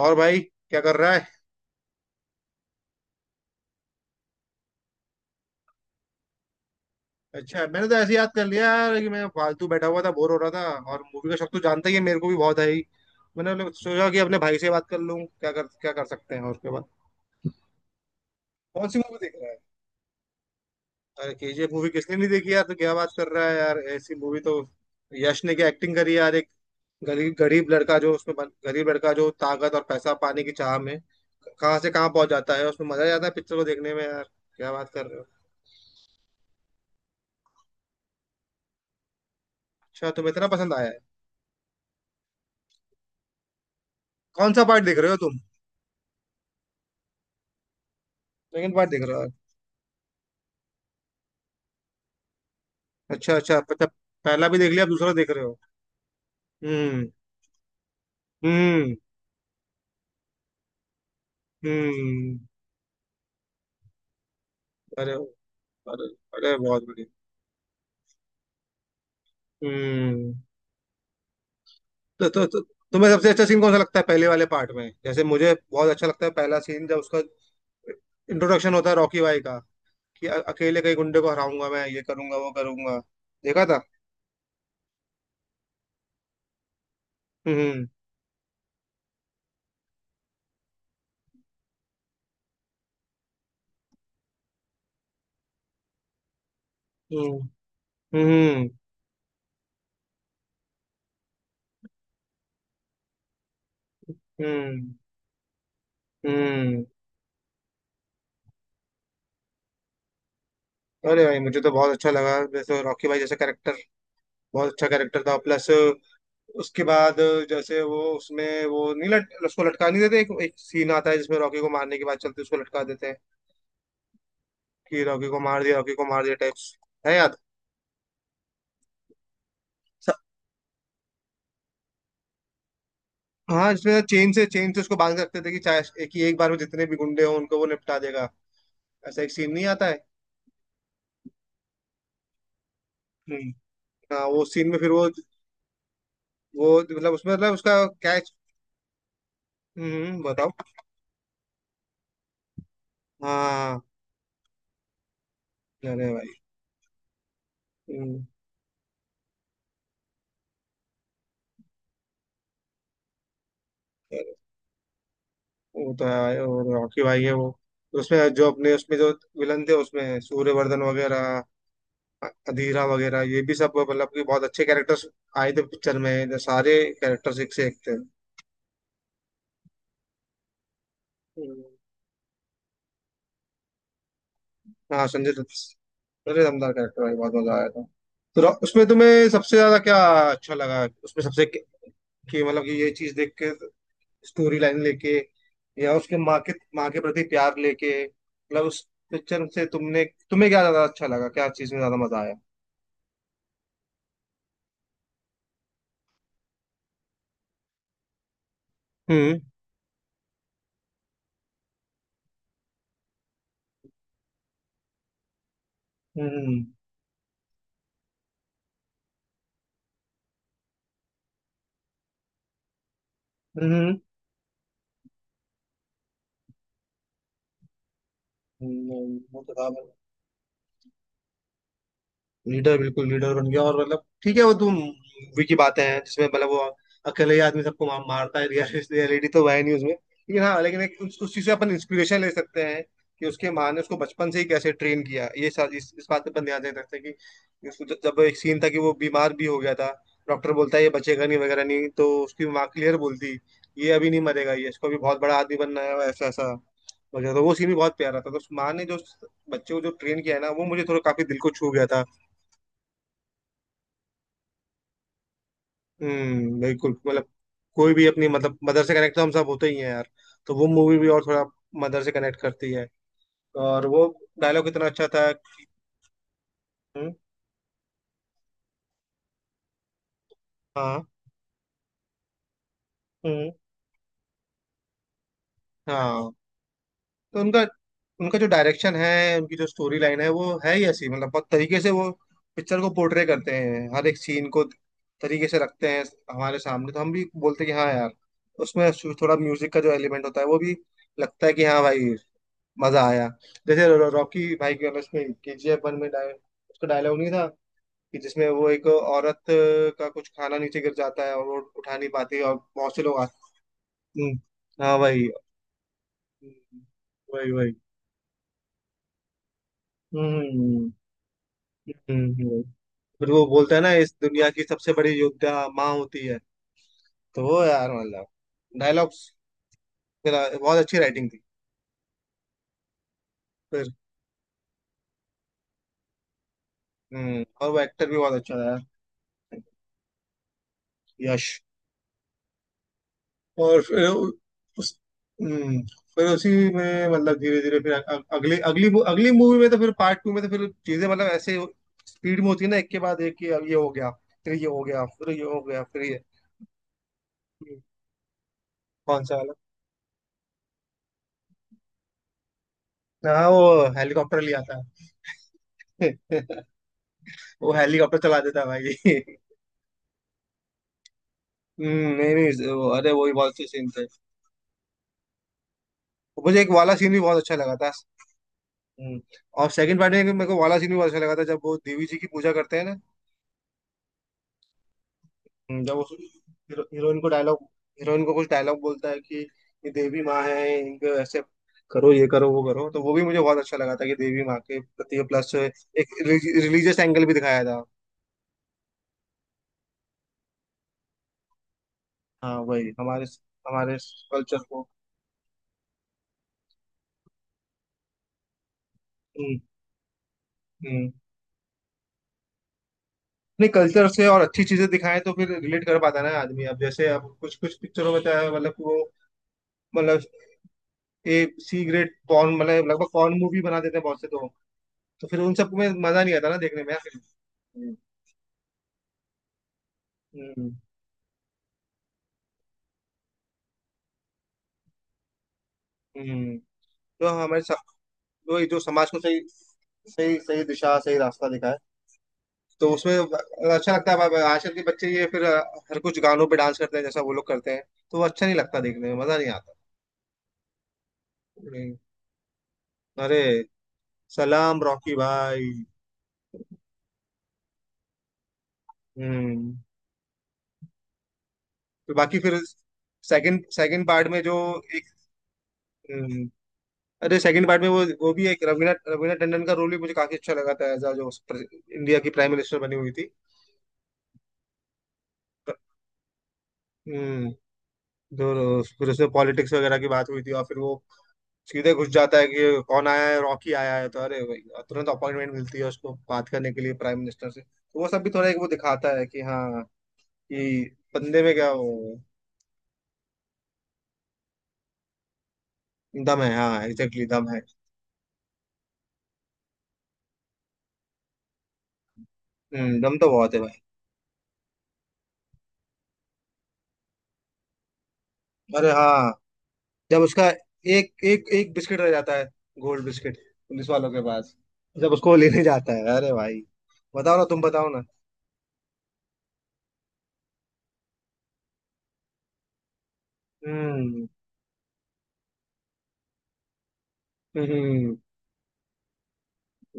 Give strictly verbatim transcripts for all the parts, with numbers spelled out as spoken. और भाई क्या कर रहा है? अच्छा, मैंने तो ऐसे ही याद कर लिया यार कि मैं फालतू बैठा हुआ था, बोर हो रहा था। और मूवी का शौक तो जानता ही है, मेरे को भी बहुत है ही। मैंने अपने- सोचा कि अपने भाई से बात कर लूं, क्या कर क्या कर सकते हैं और उसके बाद। कौन सी मूवी देख रहा है? अरे के जी एफ मूवी किसने नहीं देखी यार, तो क्या बात कर रहा है यार, ऐसी मूवी तो। यश ने क्या एक्टिंग करी यार! एक गरीब गरीब लड़का जो उसमें बन- गरीब लड़का, जो ताकत और पैसा पाने की चाह में कहाँ से कहाँ पहुंच जाता है, उसमें मजा आ जाता है पिक्चर को देखने में यार। क्या बात कर रहे हो? अच्छा, तुम्हें इतना पसंद आया है? कौन सा पार्ट देख रहे हो तुम? सेकंड पार्ट देख रहे हो? अच्छा, अच्छा, अच्छा। पहला भी देख लिया, अब दूसरा देख रहे हो? हम्म। हम्म। हम्म। अरे, अरे, अरे, बहुत बढ़िया। हम्म। तो, तो, तो तुम्हें सबसे अच्छा सीन कौन सा लगता है पहले वाले पार्ट में? जैसे मुझे बहुत अच्छा लगता है पहला सीन, जब उसका इंट्रोडक्शन होता है रॉकी भाई का। कि अ- अकेले कई गुंडे को हराऊंगा, मैं ये करूंगा वो करूंगा। देखा था? हम्म। हम्म। हम्म। हम्म। हम्म। अरे भाई, मुझे तो बहुत अच्छा लगा, जैसे रॉकी भाई जैसा कैरेक्टर बहुत अच्छा कैरेक्टर था, प्लस उसके बाद जैसे वो उसमें वो नहीं लट, उसको लटका नहीं देते, एक, एक सीन आता है जिसमें रॉकी को मारने के बाद चलते उसको लटका देते हैं, कि रॉकी को मार दिया, रॉकी को मार दिया टाइप्स। है याद? स- हाँ, इसमें चेन से चेन से उसको बांध के रखते थे कि चाहे एक ही एक बार में जितने भी गुंडे हों, उनको वो निपटा देगा। ऐसा एक सीन नहीं आता है? हम्म। हाँ, वो सीन में फिर वो वो मतलब उसमें मतलब उसका कैच। हम्म, हम्म, बताओ। हाँ। अरे भाई। हम्म, वो तो है भाई, वो रॉकी भाई है वो। उसमें जो अपने, उसमें जो विलन थे उसमें सूर्यवर्धन वगैरह, अधीरा वगैरह, ये भी सब मतलब कि बहुत अच्छे कैरेक्टर्स आए थे पिक्चर में। सारे कैरेक्टर्स एक से एक थे। हम्म। हाँ, संजय दत्त। अरे दमदार कैरेक्टर भाई, बहुत मजा आया था। तो रॉ- उसमें तुम्हें सबसे ज्यादा क्या अच्छा लगा उसमें सबसे, कि कि मतलब कि ये चीज देख के, स्टोरी लाइन लेके या उसके माँ के माँ के प्रति प्यार लेके, मतलब उस पिक्चर से तुमने तुम्हें क्या ज्यादा अच्छा लगा, क्या चीज में ज्यादा मजा आया? हम्म। हम्म। हम्म। हम्म, हम्म, वो तो था। लीडर बिल्कुल लीडर बन गया, और मतलब ठीक है, वो तो मूवी की बातें हैं जिसमें मतलब वो अकेले ही आदमी सबको मार, मारता है, रियलिटी तो है नहीं उसमें। लेकिन हाँ, लेकिन एक उस, उस चीज से अपन इंस्पिरेशन ले सकते हैं कि उसके माँ ने उसको बचपन से ही कैसे ट्रेन किया, ये सा- इस, इस बात पे अपन ध्यान दे सकते हैं कि उसको ज- जब एक सीन था कि वो बीमार भी हो गया था। डॉक्टर बोलता है ये बचेगा नहीं वगैरह नहीं, तो उसकी माँ क्लियर बोलती, ये अभी नहीं मरेगा, ये इसको अभी बहुत बड़ा आदमी बनना है, ऐसा ऐसा वगैरह। तो वो सीन भी बहुत प्यारा था, तो उस माँ ने जो उस बच्चे को जो ट्रेन किया है ना, वो मुझे थोड़ा काफी दिल को छू गया था। हम्म, बिल्कुल मतलब। कोई भी अपनी मतलब मदर से कनेक्ट तो हम सब होते ही हैं यार। तो वो मूवी भी और थोड़ा मदर से कनेक्ट करती है, और वो डायलॉग इतना अच्छा था। हम्म, हाँ। हम्म, हाँ। तो उनका उनका जो डायरेक्शन है, उनकी जो स्टोरी लाइन है, वो है ही ऐसी, मतलब बहुत तरीके से वो पिक्चर को पोर्ट्रे करते हैं, हर एक सीन को तरीके से रखते हैं हमारे सामने, तो हम भी बोलते हैं कि हाँ यार। उसमें थोड़ा म्यूजिक का जो एलिमेंट होता है वो भी, लगता है कि हाँ भाई, मजा आया। जैसे रॉ- रॉकी भाई की उसमें के जी एफ वन में डाय, उसका डायलॉग नहीं था कि जिसमें वो एक औरत का कुछ खाना नीचे गिर जाता है और वो उठा नहीं पाती है और बहुत से लोग आते? हम्म, हाँ वही। हम्म, वही, वही। हम्म। हम्म, हम्म, हम्म, वही। फिर वो बोलता है ना, इस दुनिया की सबसे बड़ी योद्धा माँ होती है। तो वो यार मतलब डायलॉग्स, बहुत अच्छी राइटिंग थी, फिर। हम्म, और वो एक्टर भी बहुत अच्छा था यार। यश। और फिर उ- उस। हम्म, फिर उसी में, मतलब धीरे धीरे, फिर अ- अगली अगली मू- अगली मूवी में तो, फिर पार्ट टू में तो फिर चीजें मतलब ऐसे स्पीड में होती है ना, एक के बाद एक, कि अब ये हो गया, फिर ये हो गया, फिर ये हो गया, फिर ये। हम्म, कौन सा वाला? हाँ, वो हेलीकॉप्टर ले आता है वो हेलीकॉप्टर चला देता है भाई हम्म, नहीं, नहीं, वो- अरे वही बहुत अच्छे सीन थे। मुझे एक वाला सीन भी बहुत अच्छा लगा था। हम्म, और सेकंड पार्ट में मेरे को वाला सीन भी बहुत अच्छा लगा था, जब वो देवी जी की पूजा करते हैं ना। हम्म, जब उस हीरो, हीरोइन को डायलॉग, हीरोइन को कुछ डायलॉग बोलता है कि ये देवी माँ है, इनको ऐसे करो, ये करो वो करो, तो वो भी मुझे बहुत अच्छा लगा था, कि देवी माँ के प्रति प्लस एक रिलीजियस एंगल भी दिखाया था। हाँ वही हमारे हमारे कल्चर को। हम्म। हम्म। नहीं, कल्चर से और अच्छी चीजें दिखाएं तो फिर रिलेट कर पाता है ना आदमी। अब जैसे अब कुछ कुछ पिक्चरों में तो है, मतलब कि वो मतलब ए सी ग्रेड पॉर्न, मतलब लगभग पॉर्न मूवी बना देते हैं बहुत से, तो तो फिर उन सब में मजा नहीं आता ना देखने में यार। हम्म। हम्म। तो हमारे सा- वही जो समाज को सही, सही सही दिशा, सही रास्ता दिखाए, तो उसमें अच्छा लगता है। अब- अब आजकल के बच्चे ये फिर अ, हर कुछ गानों पे डांस करते हैं जैसा वो लोग करते हैं, तो वो अच्छा नहीं लगता, देखने में मजा नहीं आता। नहीं। अरे, सलाम रॉकी भाई। हम्म। तो बाकी फिर सेकंड सेकंड पार्ट में जो एक। हम्म, अरे सेकंड पार्ट में वो वो भी एक रवीना रवीना टंडन का रोल भी मुझे काफी अच्छा लगा था, एज जो प्र- इंडिया की प्राइम मिनिस्टर बनी हुई थी। हम्म। जो फिर उसमें पॉलिटिक्स वगैरह की बात हुई थी, और फिर वो सीधे घुस जाता है कि कौन आया है, रॉकी आया है, तो अरे भाई तुरंत अपॉइंटमेंट मिलती है उसको बात करने के लिए प्राइम मिनिस्टर से, तो वो सब भी थोड़ा एक वो दिखाता है कि हाँ, कि बंदे में क्या वो दम है, हाँ एग्जैक्टली दम है। हम्म, दम तो बहुत है भाई। अरे हाँ, जब उसका एक एक एक बिस्किट रह जाता है, गोल्ड बिस्किट पुलिस वालों के पास, जब उसको वो लेने जाता है, अरे भाई, बताओ ना, तुम बताओ ना। हम्म। हम्म।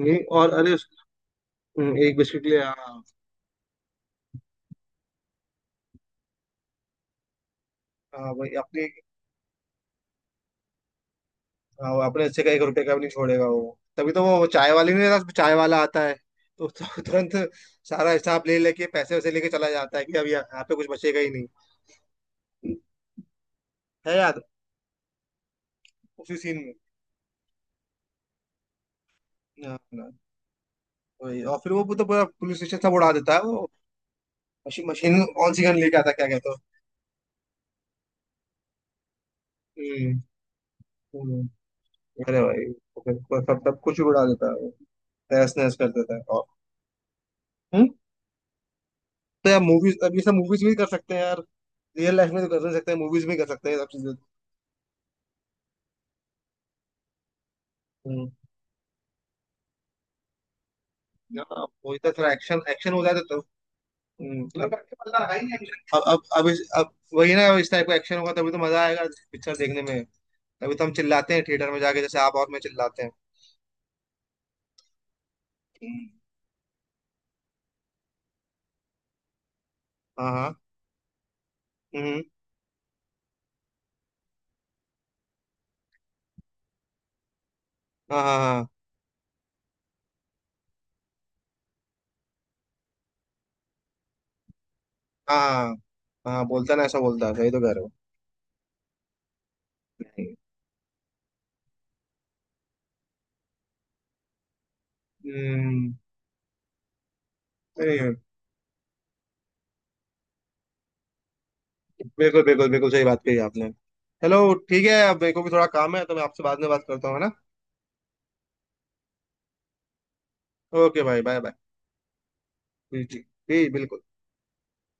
नहीं, और अरे उस- हम्म, एक बिस्किट ले आ। हाँ भाई अपने, हाँ, अपने से का एक रुपए का भी नहीं छोड़ेगा वो, तभी तो वो चाय वाले नहीं रहता, चाय वाला आता है तो, तो तुरंत सारा हिसाब ले लेके, पैसे वैसे लेके चला जाता है कि अब यहाँ यहाँ पे कुछ बचेगा ही नहीं। है याद? उसी सीन में। हाँ, हाँ, वही। और फिर वो तो पूरा पुलिस स्टेशन सब उड़ा देता है वो। मशीन, मशीन कौन सी गन लेके आता है, क्या कहते हो? हम्म। हम्म। अरे भाई, तो फिर वो सब सब कुछ ही उड़ा देता है वो, तहस नहस कर देता है और। हम्म। तो यार मूवीज, अब ये सब मूवीज भी कर सकते हैं यार, रियल लाइफ में तो कर नहीं सकते हैं, मूवीज में कर सकते हैं ये सब चीजें। हम्म। हाँ वही, तो फिर एक्शन एक्शन हो जाता तो। हम्म, अब। हाँ, अब अब अब इस अब वही ना, इस टाइप का एक्शन होगा तभी तो मजा आएगा पिक्चर देखने में, तभी तो हम चिल्लाते हैं थिएटर में जाके, जैसे आप और मैं चिल्लाते हैं। हाँ, हाँ। हम्म। हाँ, हाँ, हाँ, हाँ। हाँ, हाँ, बोलता ना, ऐसा बोलता है, सही तो कह रहे हो। हम्म। सही है। बिल्कुल, बिल्कुल, बिल्कुल सही बात कही आपने। चलो ठीक है, अब मेरे को भी थोड़ा काम है तो मैं आपसे बाद में बात करता हूँ, है ना? ओके भाई, बाय बाय। जी, जी। जी, बिल्कुल।